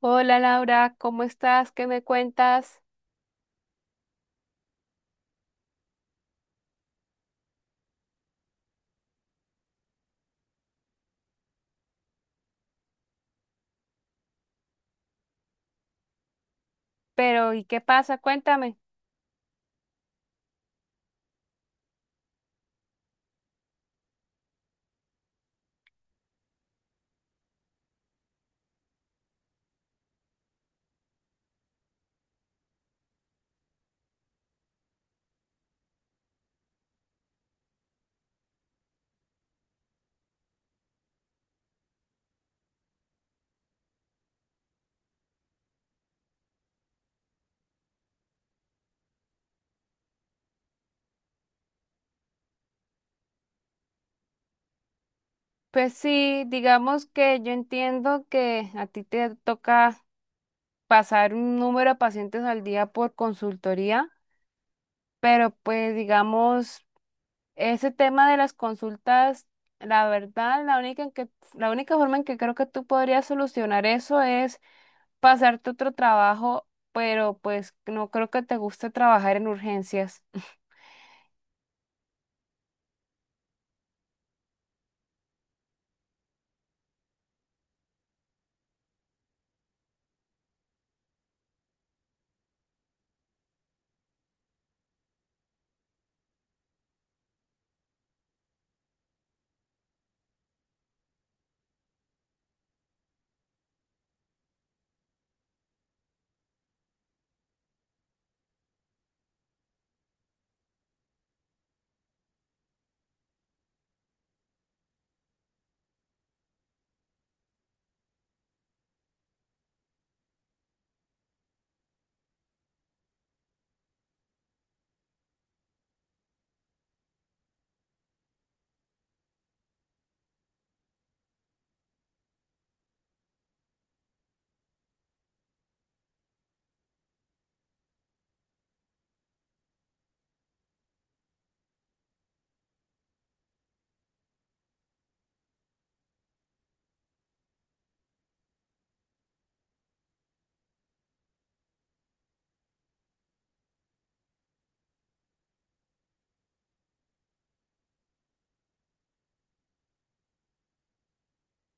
Hola Laura, ¿cómo estás? ¿Qué me cuentas? Pero, ¿y qué pasa? Cuéntame. Pues sí, digamos que yo entiendo que a ti te toca pasar un número de pacientes al día por consultoría, pero pues digamos, ese tema de las consultas, la verdad, la única forma en que creo que tú podrías solucionar eso es pasarte otro trabajo, pero pues no creo que te guste trabajar en urgencias.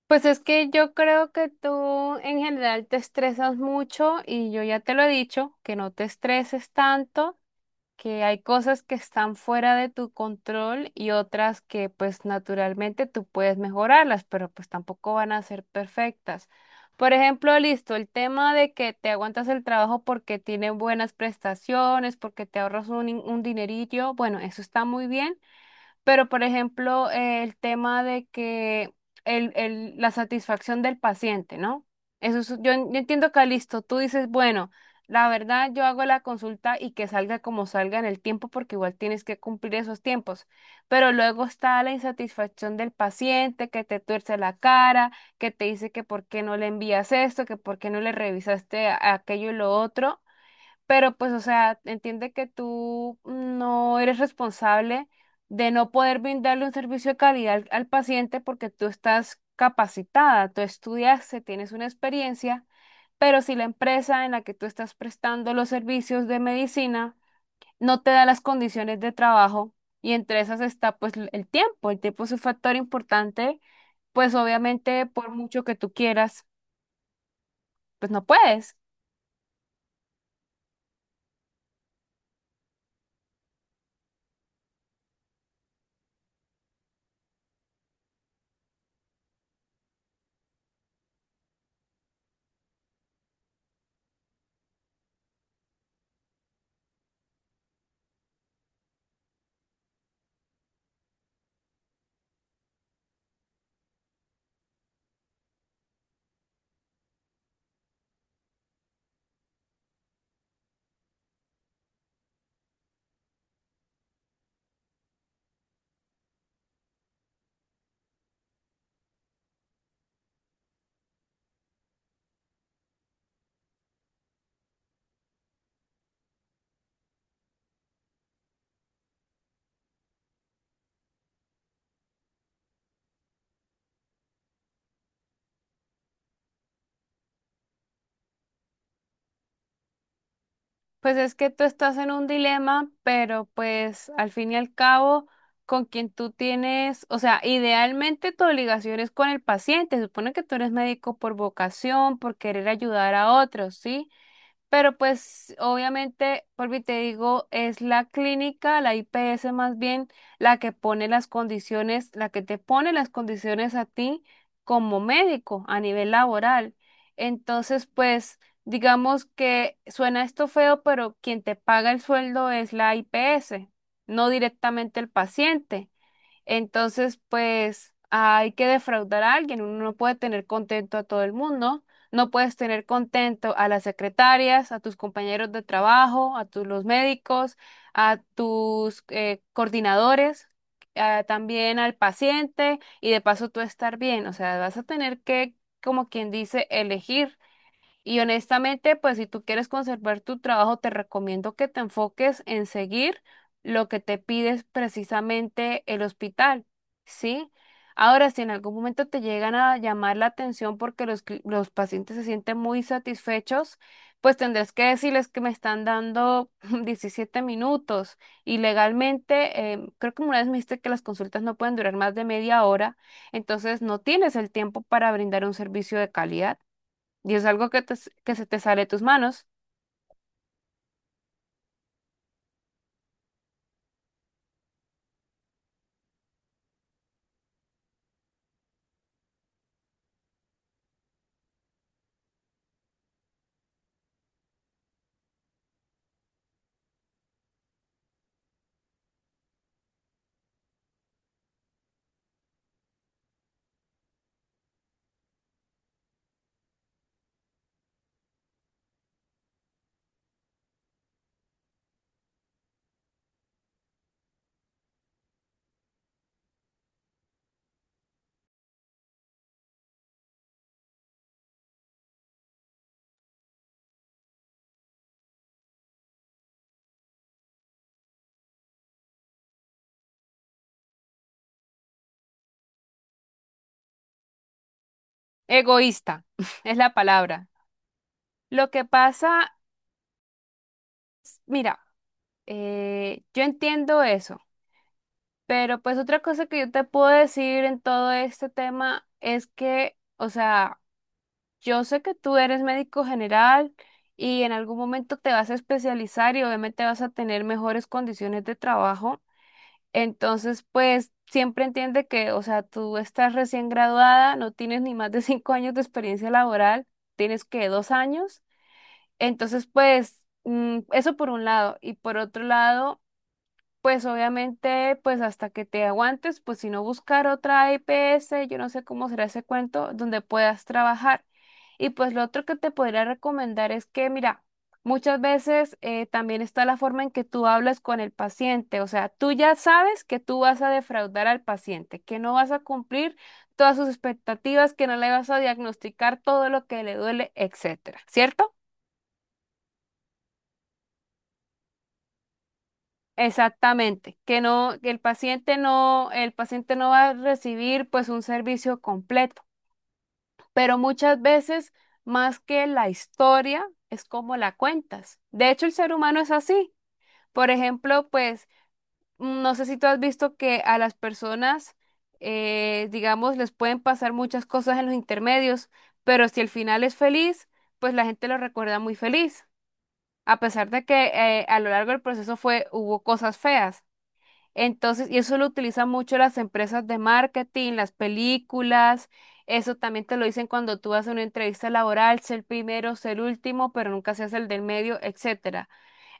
Pues es que yo creo que tú en general te estresas mucho y yo ya te lo he dicho, que no te estreses tanto, que hay cosas que están fuera de tu control y otras que pues naturalmente tú puedes mejorarlas, pero pues tampoco van a ser perfectas. Por ejemplo, listo, el tema de que te aguantas el trabajo porque tiene buenas prestaciones, porque te ahorras un dinerillo, bueno, eso está muy bien pero, por ejemplo, el tema de que la satisfacción del paciente, ¿no? Eso es- yo, en- yo entiendo, que listo. Tú dices, bueno, la verdad yo hago la consulta y que salga como salga en el tiempo porque igual tienes que cumplir esos tiempos. Pero luego está la insatisfacción del paciente que te tuerce la cara, que te dice que por qué no le envías esto, que por qué no le revisaste a- aquello y lo otro. Pero pues, o sea, entiende que tú no eres responsable de no poder brindarle un servicio de calidad al paciente porque tú estás capacitada, tú estudiaste, tienes una experiencia, pero si la empresa en la que tú estás prestando los servicios de medicina no te da las condiciones de trabajo y entre esas está pues l- el tiempo es un factor importante, pues obviamente por mucho que tú quieras, pues no puedes. Pues es que tú estás en un dilema, pero pues al fin y al cabo, con quien tú tienes, o sea, idealmente tu obligación es con el paciente. Se supone que tú eres médico por vocación, por querer ayudar a otros, ¿sí? Pero pues obviamente, porque te digo, es la clínica, la IPS más bien, la que pone las condiciones, la que te pone las condiciones a ti como médico a nivel laboral. Entonces, pues digamos que suena esto feo, pero quien te paga el sueldo es la IPS, no directamente el paciente. Entonces, pues hay que defraudar a alguien. Uno no puede tener contento a todo el mundo. No puedes tener contento a las secretarias, a tus compañeros de trabajo, a tus los médicos, a tus coordinadores, a- también al paciente y de paso tú estar bien. O sea, vas a tener que, como quien dice, elegir. Y honestamente, pues si tú quieres conservar tu trabajo, te recomiendo que te enfoques en seguir lo que te pides precisamente el hospital, ¿sí? Ahora, si en algún momento te llegan a llamar la atención porque los pacientes se sienten muy satisfechos, pues tendrás que decirles que me están dando 17 minutos y legalmente, creo que una vez me dijiste que las consultas no pueden durar más de media hora, entonces no tienes el tiempo para brindar un servicio de calidad. Y es algo que, te que se te sale de tus manos. Egoísta es la palabra. Lo que pasa, mira, yo entiendo eso, pero pues otra cosa que yo te puedo decir en todo este tema es que, o sea, yo sé que tú eres médico general y en algún momento te vas a especializar y obviamente vas a tener mejores condiciones de trabajo. Entonces, pues siempre entiende que, o sea, tú estás recién graduada, no tienes ni más de 5 años de experiencia laboral, tienes que 2 años. Entonces, pues, eso por un lado. Y por otro lado, pues obviamente, pues hasta que te aguantes, pues si no buscar otra IPS, yo no sé cómo será ese cuento, donde puedas trabajar. Y pues lo otro que te podría recomendar es que, mira, muchas veces también está la forma en que tú hablas con el paciente. O sea, tú ya sabes que tú vas a defraudar al paciente, que no vas a cumplir todas sus expectativas, que no le vas a diagnosticar todo lo que le duele, etcétera, ¿cierto? Exactamente, que no, que el paciente no va a recibir pues un servicio completo, pero muchas veces más que la historia es como la cuentas. De hecho, el ser humano es así. Por ejemplo, pues mm, no sé si tú has visto que a las personas, digamos, les pueden pasar muchas cosas en los intermedios, pero si el final es feliz, pues la gente lo recuerda muy feliz, a pesar de que a lo largo del proceso fue, hubo cosas feas. Entonces, y eso lo utilizan mucho las empresas de marketing, las películas. Eso también te lo dicen cuando tú haces una entrevista laboral, ser el primero, ser el último, pero nunca seas el del medio, etcétera.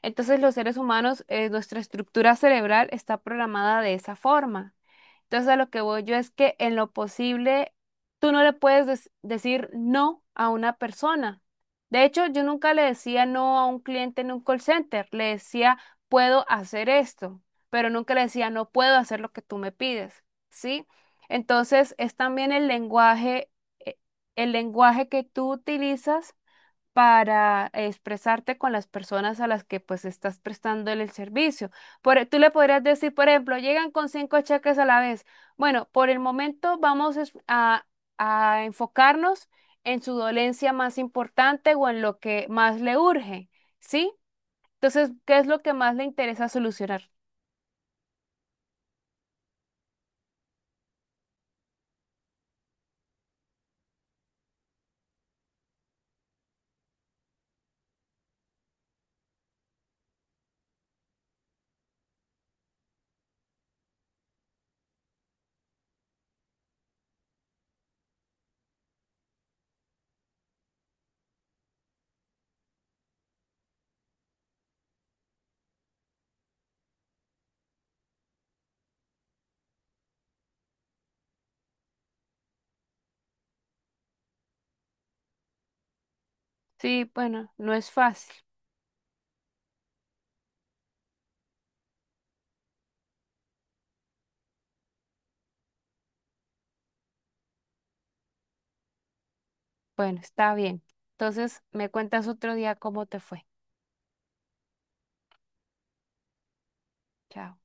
Entonces, los seres humanos, nuestra estructura cerebral está programada de esa forma. Entonces a lo que voy yo es que en lo posible tú no le puedes decir no a una persona. De hecho, yo nunca le decía no a un cliente en un call center, le decía puedo hacer esto, pero nunca le decía no puedo hacer lo que tú me pides, ¿sí? Entonces es también eh, el lenguaje que tú utilizas para expresarte con las personas a las que pues estás prestando el servicio. Por, e- tú le podrías decir, por ejemplo, llegan con 5 cheques a la vez. Bueno, por el momento a enfocarnos en su dolencia más importante o en lo que más le urge, ¿sí? Entonces, ¿qué es lo que más le interesa solucionar? Sí, bueno, no es fácil. Bueno, está bien. Entonces, me cuentas otro día cómo te fue. Chao.